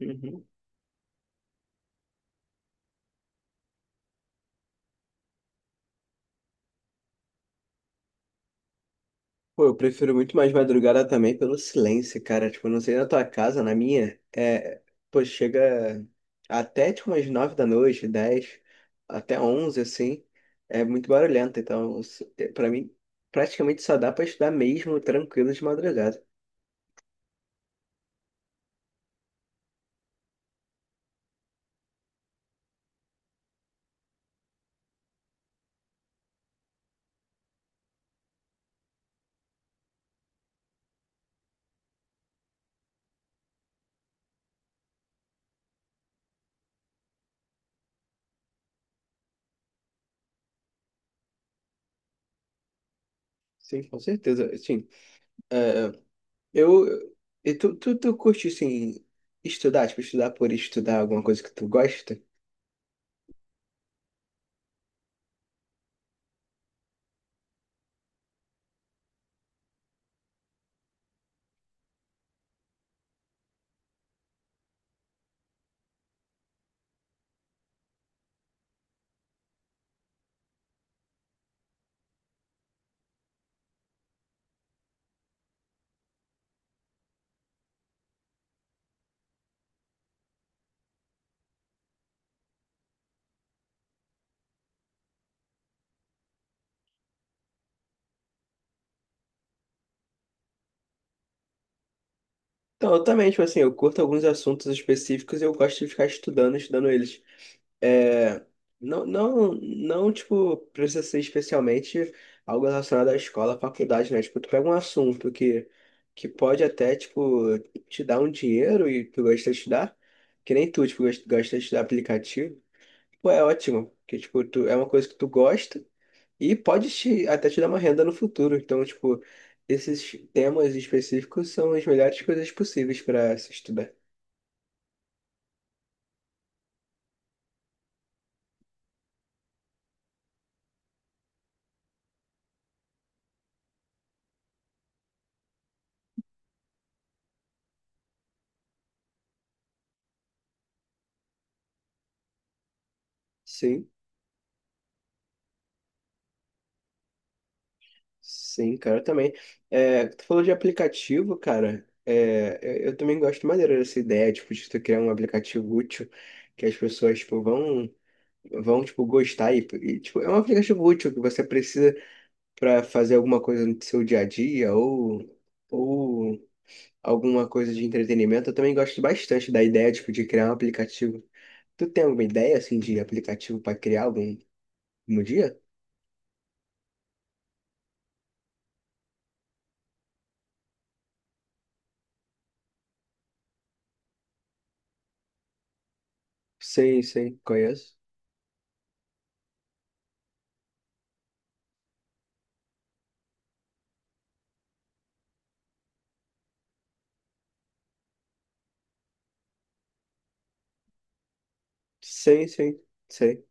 Uhum. Pô, eu prefiro muito mais madrugada também pelo silêncio, cara. Tipo, não sei na tua casa, na minha, pô, chega até tipo umas 9 da noite, 10, até 11, assim, é muito barulhento. Então, pra mim, praticamente só dá pra estudar mesmo tranquilo de madrugada. Sim, com certeza. Sim, é, eu, e tu curte, assim, estudar, tipo, estudar por estudar alguma coisa que tu gosta? Então, eu também, tipo assim, eu curto alguns assuntos específicos e eu gosto de ficar estudando eles. É, não, não, não, tipo, precisa ser especialmente algo relacionado à escola, à faculdade, né? Tipo, tu pega um assunto que pode até, tipo, te dar um dinheiro e tu gosta de estudar, que nem tu, tipo, gosta gosta de estudar aplicativo, pô, é ótimo, porque, tipo, tu, é uma coisa que tu gosta e pode até te dar uma renda no futuro. Então, tipo, esses temas específicos são as melhores coisas possíveis para se estudar. Sim, sim, cara, também. É, tu falou de aplicativo, cara. É, eu também gosto maneiro dessa ideia, tipo, de tu criar um aplicativo útil que as pessoas, tipo, vão, tipo, gostar. E, tipo, é um aplicativo útil que você precisa para fazer alguma coisa no seu dia a dia ou... ou alguma coisa de entretenimento, eu também gosto bastante da ideia, tipo, de criar um aplicativo. Tu tem alguma ideia, assim, de aplicativo para criar algum dia? Sim, sim, conheço. Sim, sim, sim.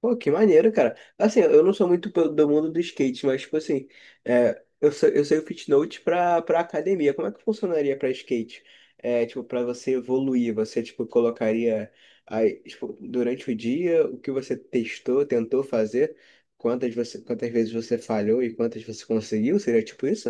Pô, que maneiro, cara. Assim, eu não sou muito do mundo do skate, mas, tipo assim, eu sei o Fitnote pra academia. Como é que funcionaria pra skate? É, tipo, pra você evoluir, você, tipo, colocaria aí, tipo, durante o dia o que você testou, tentou fazer, quantas vezes você falhou e quantas você conseguiu? Seria tipo isso?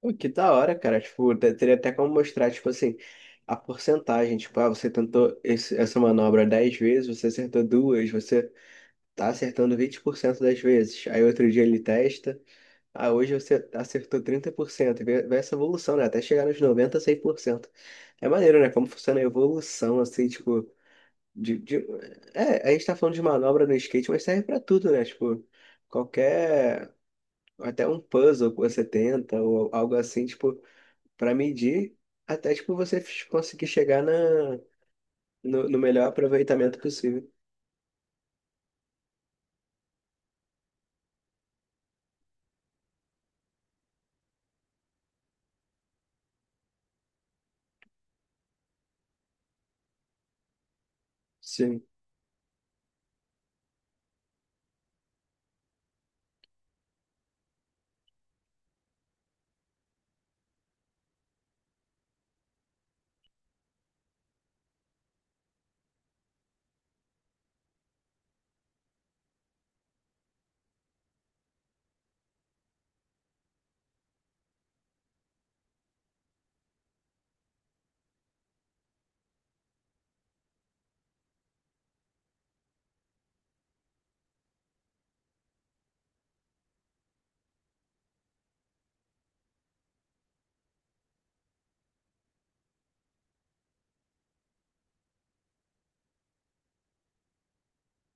Pô, que da hora, cara. Tipo, teria até como mostrar, tipo assim, a porcentagem. Tipo, ah, você tentou essa manobra 10 vezes, você acertou duas, você tá acertando 20% das vezes. Aí outro dia ele testa. Ah, hoje você acertou 30%. Vê essa evolução, né? Até chegar nos noventa 100%. É maneiro, né? Como funciona a evolução, assim, tipo... De... É, a gente tá falando de manobra no skate, mas serve pra tudo, né? Tipo, qualquer... Até um puzzle que você tenta, ou algo assim, tipo, pra medir, até, tipo, você conseguir chegar na, no, no melhor aproveitamento possível. Sim.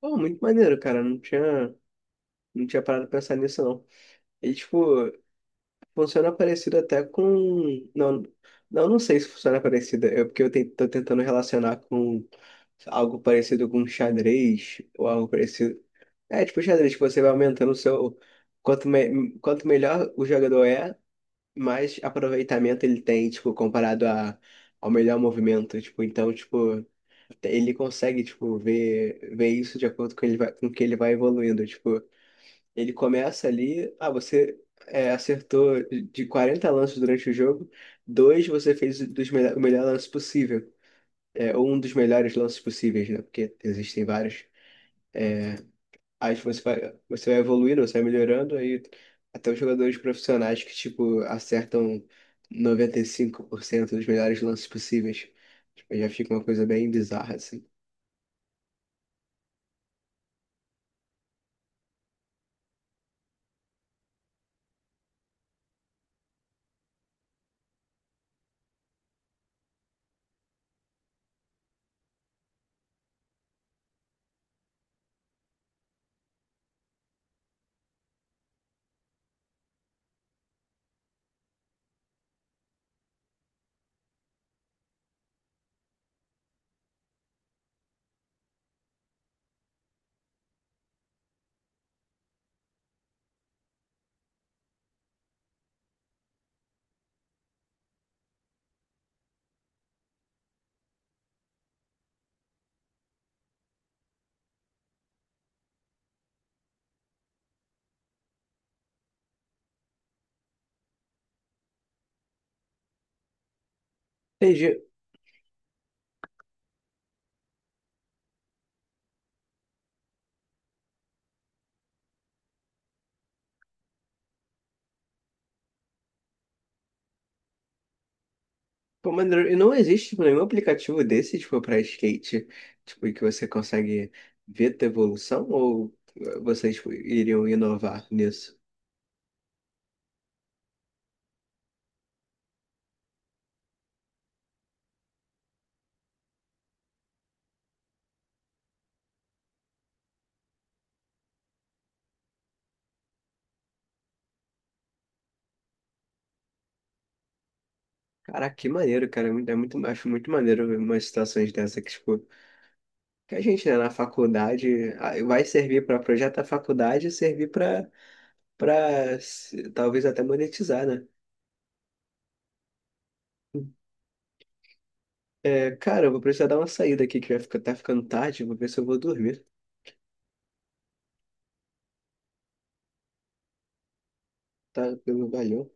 Pô, muito maneiro, cara. Não tinha parado pra pensar nisso, não. E, tipo, funciona parecido até com... Não, não, não sei se funciona parecido. É porque eu tô tentando relacionar com algo parecido com xadrez ou algo parecido. É, tipo, xadrez, que você vai aumentando o seu. Quanto melhor o jogador é, mais aproveitamento ele tem, tipo, comparado ao melhor movimento. Tipo, então, tipo, ele consegue, tipo, ver isso de acordo com, com que ele vai evoluindo. Tipo. Ele começa ali, ah, você acertou de 40 lances durante o jogo, dois você fez o melhor lance possível, ou um dos melhores lances possíveis, né? Porque existem vários. Aí você vai evoluindo, você vai melhorando, aí até os jogadores profissionais que, tipo, acertam 95% dos melhores lances possíveis. Tipo, já fica uma coisa bem bizarra, assim. Entendi. Pô, maneiro. E não existe, tipo, nenhum aplicativo desse, tipo, pra skate, tipo, em que você consegue ver tua evolução ou vocês, tipo, iriam inovar nisso? Caraca, que maneiro, cara. É muito, acho muito maneiro ver umas situações dessa que, tipo, que a gente, né, na faculdade vai servir pra projeto da faculdade e servir pra talvez até monetizar, né? É, cara, eu vou precisar dar uma saída aqui que vai ficar, tá ficando tarde, vou ver se eu vou dormir, tá? Valeu.